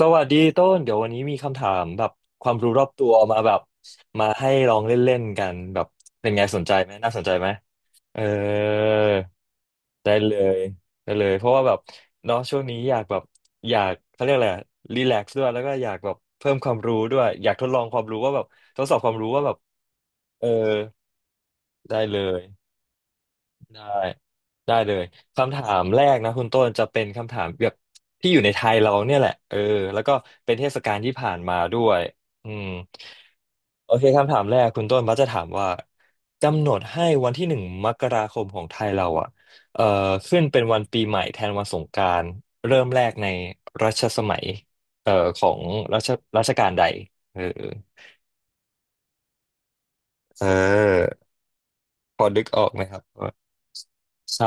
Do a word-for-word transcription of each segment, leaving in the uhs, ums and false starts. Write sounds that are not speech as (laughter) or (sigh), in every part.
สวัสดีต้นเดี๋ยววันนี้มีคำถามแบบความรู้รอบตัวมาแบบมาให้ลองเล่นๆกันแบบเป็นไงสนใจไหมน่าสนใจไหมเออได้เลยได้เลยเพราะว่าแบบเนาะช่วงนี้อยากแบบอยากเขาเรียกอะไรรีแลกซ์ด้วยแล้วก็อยากแบบเพิ่มความรู้ด้วยอยากทดลองความรู้ว่าแบบทดสอบความรู้ว่าแบบเออได้เลย ได้ได้เลยคำถามแรกนะคุณต้นจะเป็นคำถามแบบที่อยู่ในไทยเราเนี่ยแหละเออแล้วก็เป็นเทศกาลที่ผ่านมาด้วยอืมโอเคคำถามแรกคุณต้นมักจะถามว่ากำหนดให้วันที่หนึ่งมกราคมของไทยเราอ่ะเอ่อขึ้นเป็นวันปีใหม่แทนวันสงกรานต์เริ่มแรกในรัชสมัยเอ่อของรัชรัชกาลใดเออเออพอดึกออกไหมครับว่าใช่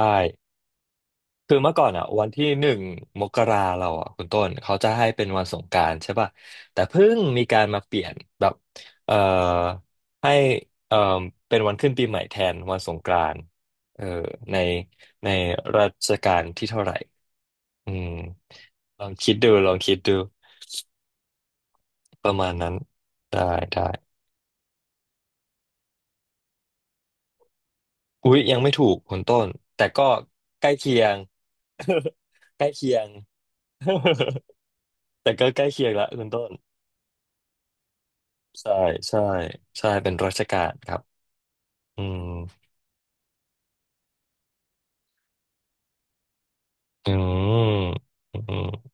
คือเมื่อก่อนอ่ะวันที่หนึ่งมกราเราอ่ะคุณต้นเขาจะให้เป็นวันสงกรานต์ใช่ป่ะแต่เพิ่งมีการมาเปลี่ยนแบบเอ่อให้เอ่อเป็นวันขึ้นปีใหม่แทนวันสงกรานต์เออในในรัชกาลที่เท่าไหร่อืมลองคิดดูลองคิดดูประมาณนั้นได้ได้อุ๊ยยังไม่ถูกคุณต้นแต่ก็ใกล้เคียง (laughs) ใกล้เคียง (laughs) แต่ก็ใกล้เคียงละคุณต้น ใช่ใช่ใช่เป็นราชการครับอืมอืมอืม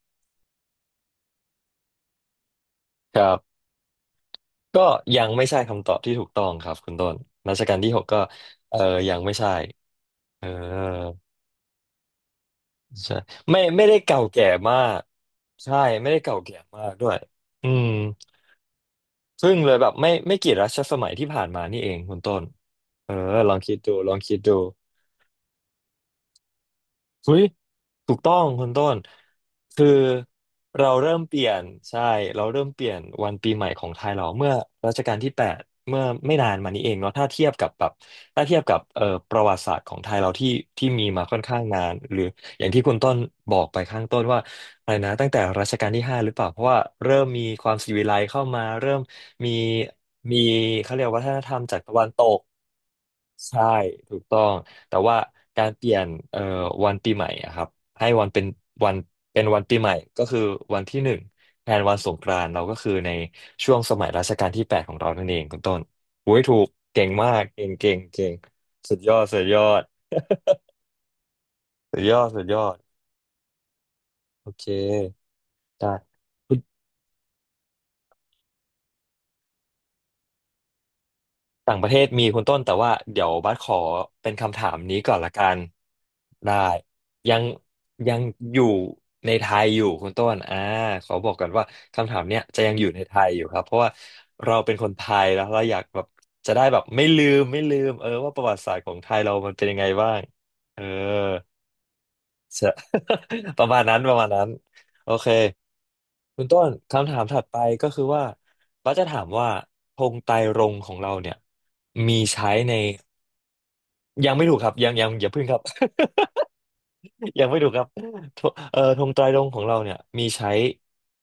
ครับก็ยังไม่ใช่คำตอบที่ถูกต้องครับคุณต้นรัชกาลที่หกก็เออยังไม่ใช่เออใช่ไม่ไม่ได้เก่าแก่มากใช่ไม่ได้เก่าแก่มากด้วยอืมซึ่งเลยแบบไม่ไม่กี่รัชสมัยที่ผ่านมานี่เองคุณต้นเออลองคิดดูลองคิดดู เฮ้ยถูกต้องคุณต้นคือเราเริ่มเปลี่ยนใช่เราเริ่มเปลี่ยนวันปีใหม่ของไทยเราเมื่อรัชกาลที่แปดเมื่อไม่นานมานี้เองเนาะถ้าเทียบกับแบบถ้าเทียบกับเอ่อประวัติศาสตร์ของไทยเราที่ที่มีมาค่อนข้างนานหรืออย่างที่คุณต้นบอกไปข้างต้นว่าอะไรนะตั้งแต่รัชกาลที่ห้าหรือเปล่าเพราะว่าเริ่มมีความศิวิไลซ์เข้ามาเริ่มมีมีเขาเรียกวัฒนธรรมจากตะวันตก ใช่ถูกต้องแต่ว่าการเปลี่ยนเอ่อวันปีใหม่อะครับให้วันเป็นวันเป็นวันปีใหม่ก็คือวันที่หนึ่งแทนวันสงกรานต์เราก็คือในช่วงสมัยรัชกาลที่แปดของเรานั่นเองคุณต้นโอ้ยถูกเก่งมากเก่งเก่งเก่งสุดยอดสุดยอด (laughs) สุดยอดสุดยอดโอเคได้ ต่างประเทศมีคุณต้นแต่ว่าเดี๋ยวบัสขอเป็นคำถามนี้ก่อนละกันได้ยังยังอยู่ในไทยอยู่คุณต้นอ่าขอบอกก่อนว่าคำถามเนี้ยจะยังอยู่ในไทยอยู่ครับเพราะว่าเราเป็นคนไทยแล้วเราอยากแบบจะได้แบบไม่ลืมไม่ลืมเออว่าประวัติศาสตร์ของไทยเรามันเป็นยังไงบ้างเออจะ (laughs) ประมาณนั้นประมาณนั้นโอเค คุณต้นคำถามถัดไปก็คือว่าป้าจะถามว่าธงไตรรงค์ของเราเนี่ยมีใช้ในยังไม่ถูกครับยังยังอย่าพึ่งครับ (laughs) ยังไม่ถูกครับธงเอ่อธงไตรรงค์ของเราเนี่ยมีใช้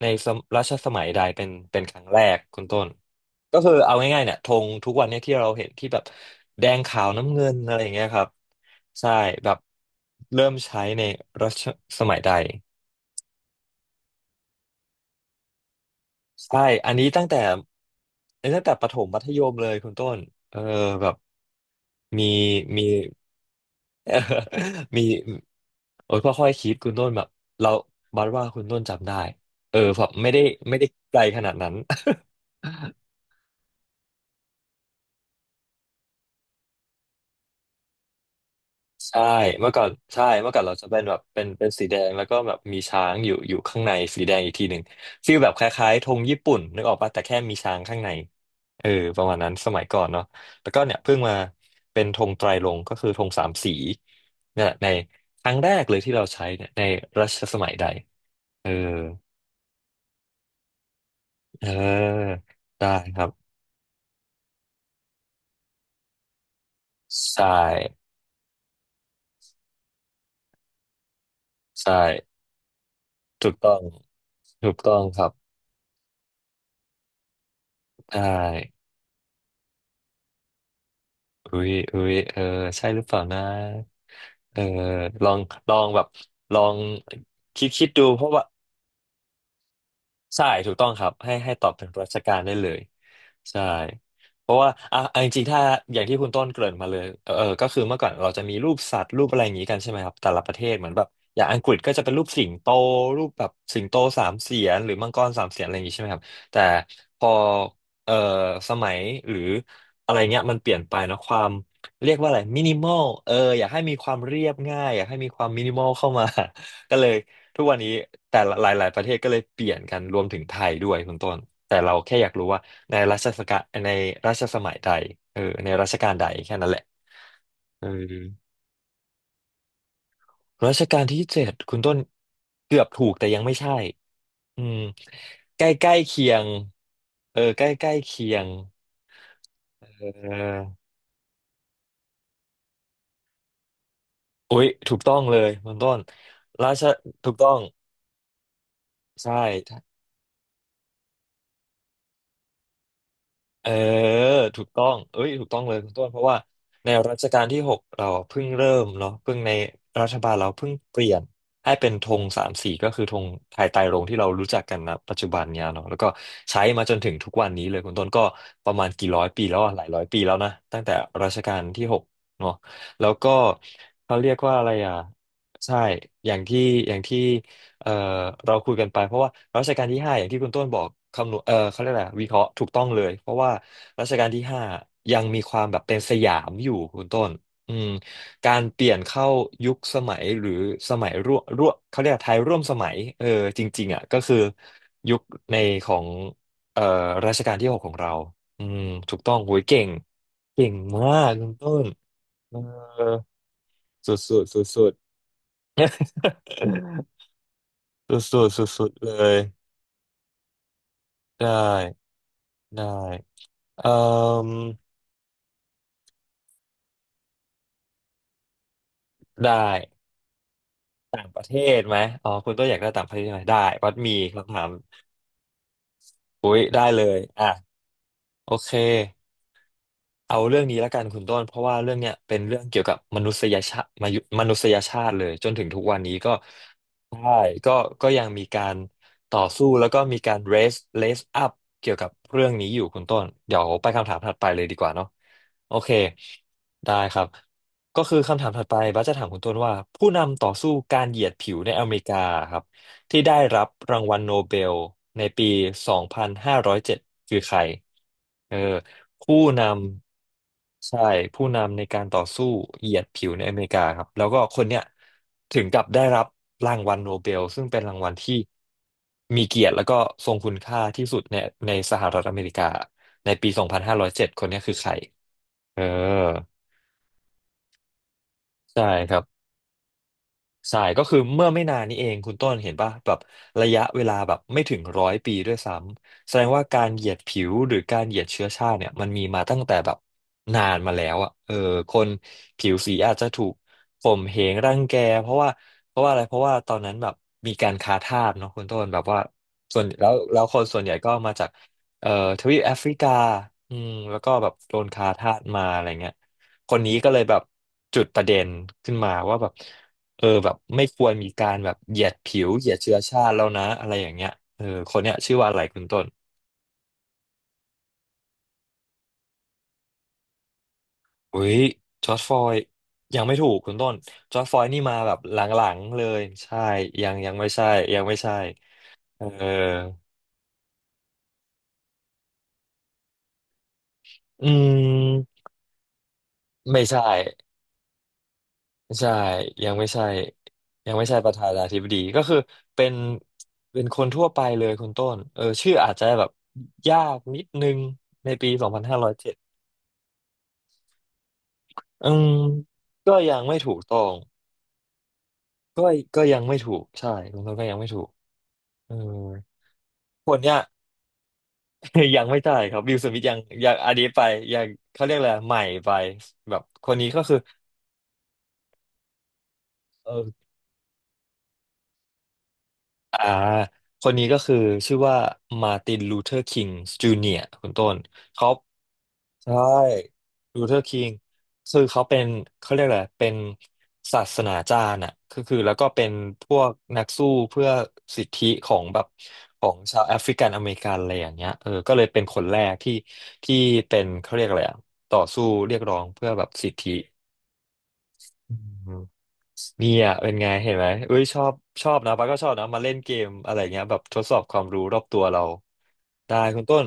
ในสมรัชสมัยใดเป็นเป็นครั้งแรกคุณต้นก็คือเอาง่ายๆเนี่ยธงทุกวันเนี่ยที่เราเห็นที่แบบแดงขาวน้ำเงินอะไรอย่างเงี้ยครับใช่แบบเริ่มใช้ในรัชสมัยใด ใช่อันนี้ตั้งแต่อันนี้ตั้งแต่ประถมมัธยมเลยคุณต้นเออแบบมีมี (laughs) เออมีโอ้ยค่อยๆคิดคุณต้นแบบเราบัดว่าคุณต้นจำได้เออแบบไม่ได้ไม่ได้ไกลขนาดนั้น (laughs) ใช่เมื่อก่อนใช่เมื่อก่อนเราจะเป็นแบบเป็นเป็นสีแดงแล้วก็แบบมีช้างอยู่อยู่ข้างในสีแดงอีกทีหนึ่งฟีลแบบคล้ายๆธงญี่ปุ่นนึกออกปะแต่แค่มีช้างข้างในเออประมาณนั้นสมัยก่อนเนาะแล้วก็เนี่ยเพิ่งมาเป็นธงไตรรงค์ก็คือธงสามสีเนี่ยในครั้งแรกเลยที่เราใช้เนี่ยในรัชสมัยใดเออเออได้ครับใช่ใช่ถูกต้องถูกต้องครับได้ อุ้ยอุ้ยเออใช่หรือเปล่านะเออลองลองแบบลองคิดคิดดูเพราะว่า ใช่ถูกต้องครับให้ให้ตอบถึงราชการได้เลยใช่เพราะว่าอ่ะอ่ะจริงๆถ้าอย่างที่คุณต้นเกริ่นมาเลยเออเออก็คือเมื่อก่อนเราจะมีรูปสัตว์รูปอะไรอย่างนี้กันใช่ไหมครับแต่ละประเทศเหมือนแบบอย่างอังกฤษก็จะเป็นรูปสิงโตรูปแบบสิงโตสามเสียนหรือมังกรสามเสียนอะไรอย่างนี้ใช่ไหมครับแต่พอเออสมัยหรืออะไรเงี้ยมันเปลี่ยนไปเนอะความเรียกว่าอะไรมินิมอลเอออยากให้มีความเรียบง่ายอยากให้มีความมินิมอลเข้ามา (laughs) ก็เลย ทุกวันนี้แต่ละหลายๆประเทศก็เลยเปลี่ยนกันรวมถึงไทยด้วยคุณต้นแต่เราแค่อยากรู้ว่าในรัชสกาลในรัชสมัยใดเออในรัชกาลใดแค่นั้นแหละเออรัชกาลที่เจ็ดคุณต้นเกือบถูกแต่ยังไม่ใช่อืมใกล้ใกล้เคียงเออใกล้ใกล้เคียงเอออุ๊ยถูกต้องเลยคุณต้นราชถูกต้องใช่ เออถูกต้องเอ้ยถูกต้องเลยคุณต้นเพราะว่าในรัชกาลที่หกเราเพิ่งเริ่มเนาะเพิ่งในรัฐบาลเราเพิ่งเปลี่ยนให้เป็นธงสามสีก็คือธงไทยไตรรงค์ที่เรารู้จักกันนะปัจจุบันเนี่ยเนาะแล้วก็ใช้มาจนถึงทุกวันนี้เลยคุณต้นก็ประมาณกี่ร้อยปีแล้วอะหลายร้อยปีแล้วนะตั้งแต่รัชกาลที่หกเนาะแล้วก็เขาเรียกว่าอะไรอ่ะใช่อย่างที่อย่างที่ เอ่อเราคุยกันไปเพราะว่ารัชกาลที่ห้าอย่างที่คุณต้นบอกคำนวณเออเขาเรียกอะไรวิเคราะห์ถูกต้องเลยเพราะว่ารัชกาลที่ห้ายังมีความแบบเป็นสยามอยู่คุณต้นอืมการเปลี่ยนเข้ายุคสมัยหรือสมัยร่วมร่วมเขาเรียกไทยร่วมสมัยเออจริงๆอ่ะก็คือยุคในของเอ่อรัชกาลที่หกของเราอืมถูกต้องโหยเก่งเก่งมากคุณต้นเออสุดสุดสุดๆสุดสุดสุดๆเลยได้ ได้เอ่มได้ประเทศไหมอ๋อคุณตัวอยากได้ต่างประเทศใช่ไหม ได้วัดมีคำถามอุ้ยได้เลยอ่ะโอเค เอาเรื่องนี้ละกันคุณต้นเพราะว่าเรื่องเนี้ยเป็นเรื่องเกี่ยวกับมนุษยชาติมายุมนุษยชาติเลยจนถึงทุกวันนี้ก็ใช่ก็ก็ยังมีการต่อสู้แล้วก็มีการ raise raise up เกี่ยวกับเรื่องนี้อยู่คุณต้นเดี๋ยวไปคำถามถัดไปเลยดีกว่าเนาะโอเคได้ครับก็คือคำถามถัดไปบัสจะถามคุณต้นว่าผู้นำต่อสู้การเหยียดผิวในอเมริกาครับที่ได้รับรางวัลโนเบลในปีสองพันห้าร้อยเจ็ดคือใครเออ ผู้นำใช่ผู้นำในการต่อสู้เหยียดผิวในอเมริกาครับแล้วก็คนเนี้ยถึงกับได้รับรางวัลโนเบลซึ่งเป็นรางวัลที่มีเกียรติแล้วก็ทรงคุณค่าที่สุดในในสหรัฐอเมริกาในปี สองพันห้าร้อยเจ็ด คนเนี้ยคือใครเออใช่ครับ ใช่ก็คือเมื่อไม่นานนี้เองคุณต้นเห็นป่ะแบบระยะเวลาแบบไม่ถึงร้อยปีด้วยซ้ำแสดงว่าการเหยียดผิวหรือการเหยียดเชื้อชาติเนี่ยมันมีมาตั้งแต่แบบนานมาแล้วอ่ะเออคนผิวสีอาจจะถูกข่มเหงรังแกเพราะว่าเพราะว่าอะไรเพราะว่าตอนนั้นแบบมีการค้าทาสเนาะคุณต้นแบบว่าส่วนแล้วแล้วคนส่วนใหญ่ก็มาจากเอ่อทวีปแอฟริกาอืมแล้วก็แบบโดนค้าทาสมาอะไรเงี้ยคนนี้ก็เลยแบบจุดประเด็นขึ้นมาว่าแบบ เออแบบไม่ควรมีการแบบเหยียดผิวเหยียดเชื้อชาติแล้วนะอะไรอย่างเงี้ยเออคนเนี้ยชื่อว่าอะไรคุณต้นอุ้ยจอร์จฟลอยด์ยังไม่ถูกคุณต้นจอร์จฟลอยด์นี่มาแบบหลังๆเลยใช่ยังยังไม่ใช่ยังไม่ใช่เอออืมไม่ใช่ใช่ยังไม่ใช่ยังไม่ใช่ประธานาธิบดีก็คือเป็นเป็นคนทั่วไปเลยคุณต้นเออชื่ออาจจะแบบยากนิดนึงในปีสองพันห้าร้อยเจ็ดอืมก็ยังไม่ถูกต้อง ก็ก็ยังไม่ถูกใช่ลุงพลก็ยังไม่ถูกเออคนเนี้ย (laughs) ยังไม่ได้ครับวิลสมิธยังยังอันนี้ไปยังเขาเรียกอะไรใหม่ไปแบบคนนี้ก็คือเออ อ่าคนนี้ก็คือชื่อว่ามาร์ตินลูเทอร์คิงจูเนียร์คุณต้นเขาใช่ลูเทอร์คิงคือเขาเป็นเขาเรียกอะไรเป็นศาสนาจารย์อ่ะคือคือแล้วก็เป็นพวกนักสู้เพื่อสิทธิของแบบของชาวแอฟริกันอเมริกันอะไรอย่างเงี้ยเออก็เลยเป็นคนแรกที่ที่เป็นเขาเรียกอะไรอะต่อสู้เรียกร้องเพื่อแบบสิทธิอืม นี่อ่ะเป็นไงเห็นไหมเอ้ยชอบชอบนะป้าก็ชอบนะมาเล่นเกมอะไรเงี้ยแบบทดสอบความรู้รอบตัวเราได้คุณต้น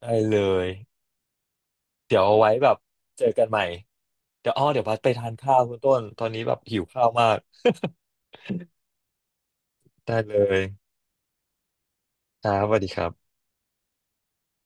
ได้เลยเดี๋ยวเอาไว้แบบเจอกันใหม่เดี๋ยวอ้อเดี๋ยวบัสไปทานข้าวคุณต้นตอนนี้แบบหิวข้าวมาก (laughs) ได้เลยครับสวัสดีครับ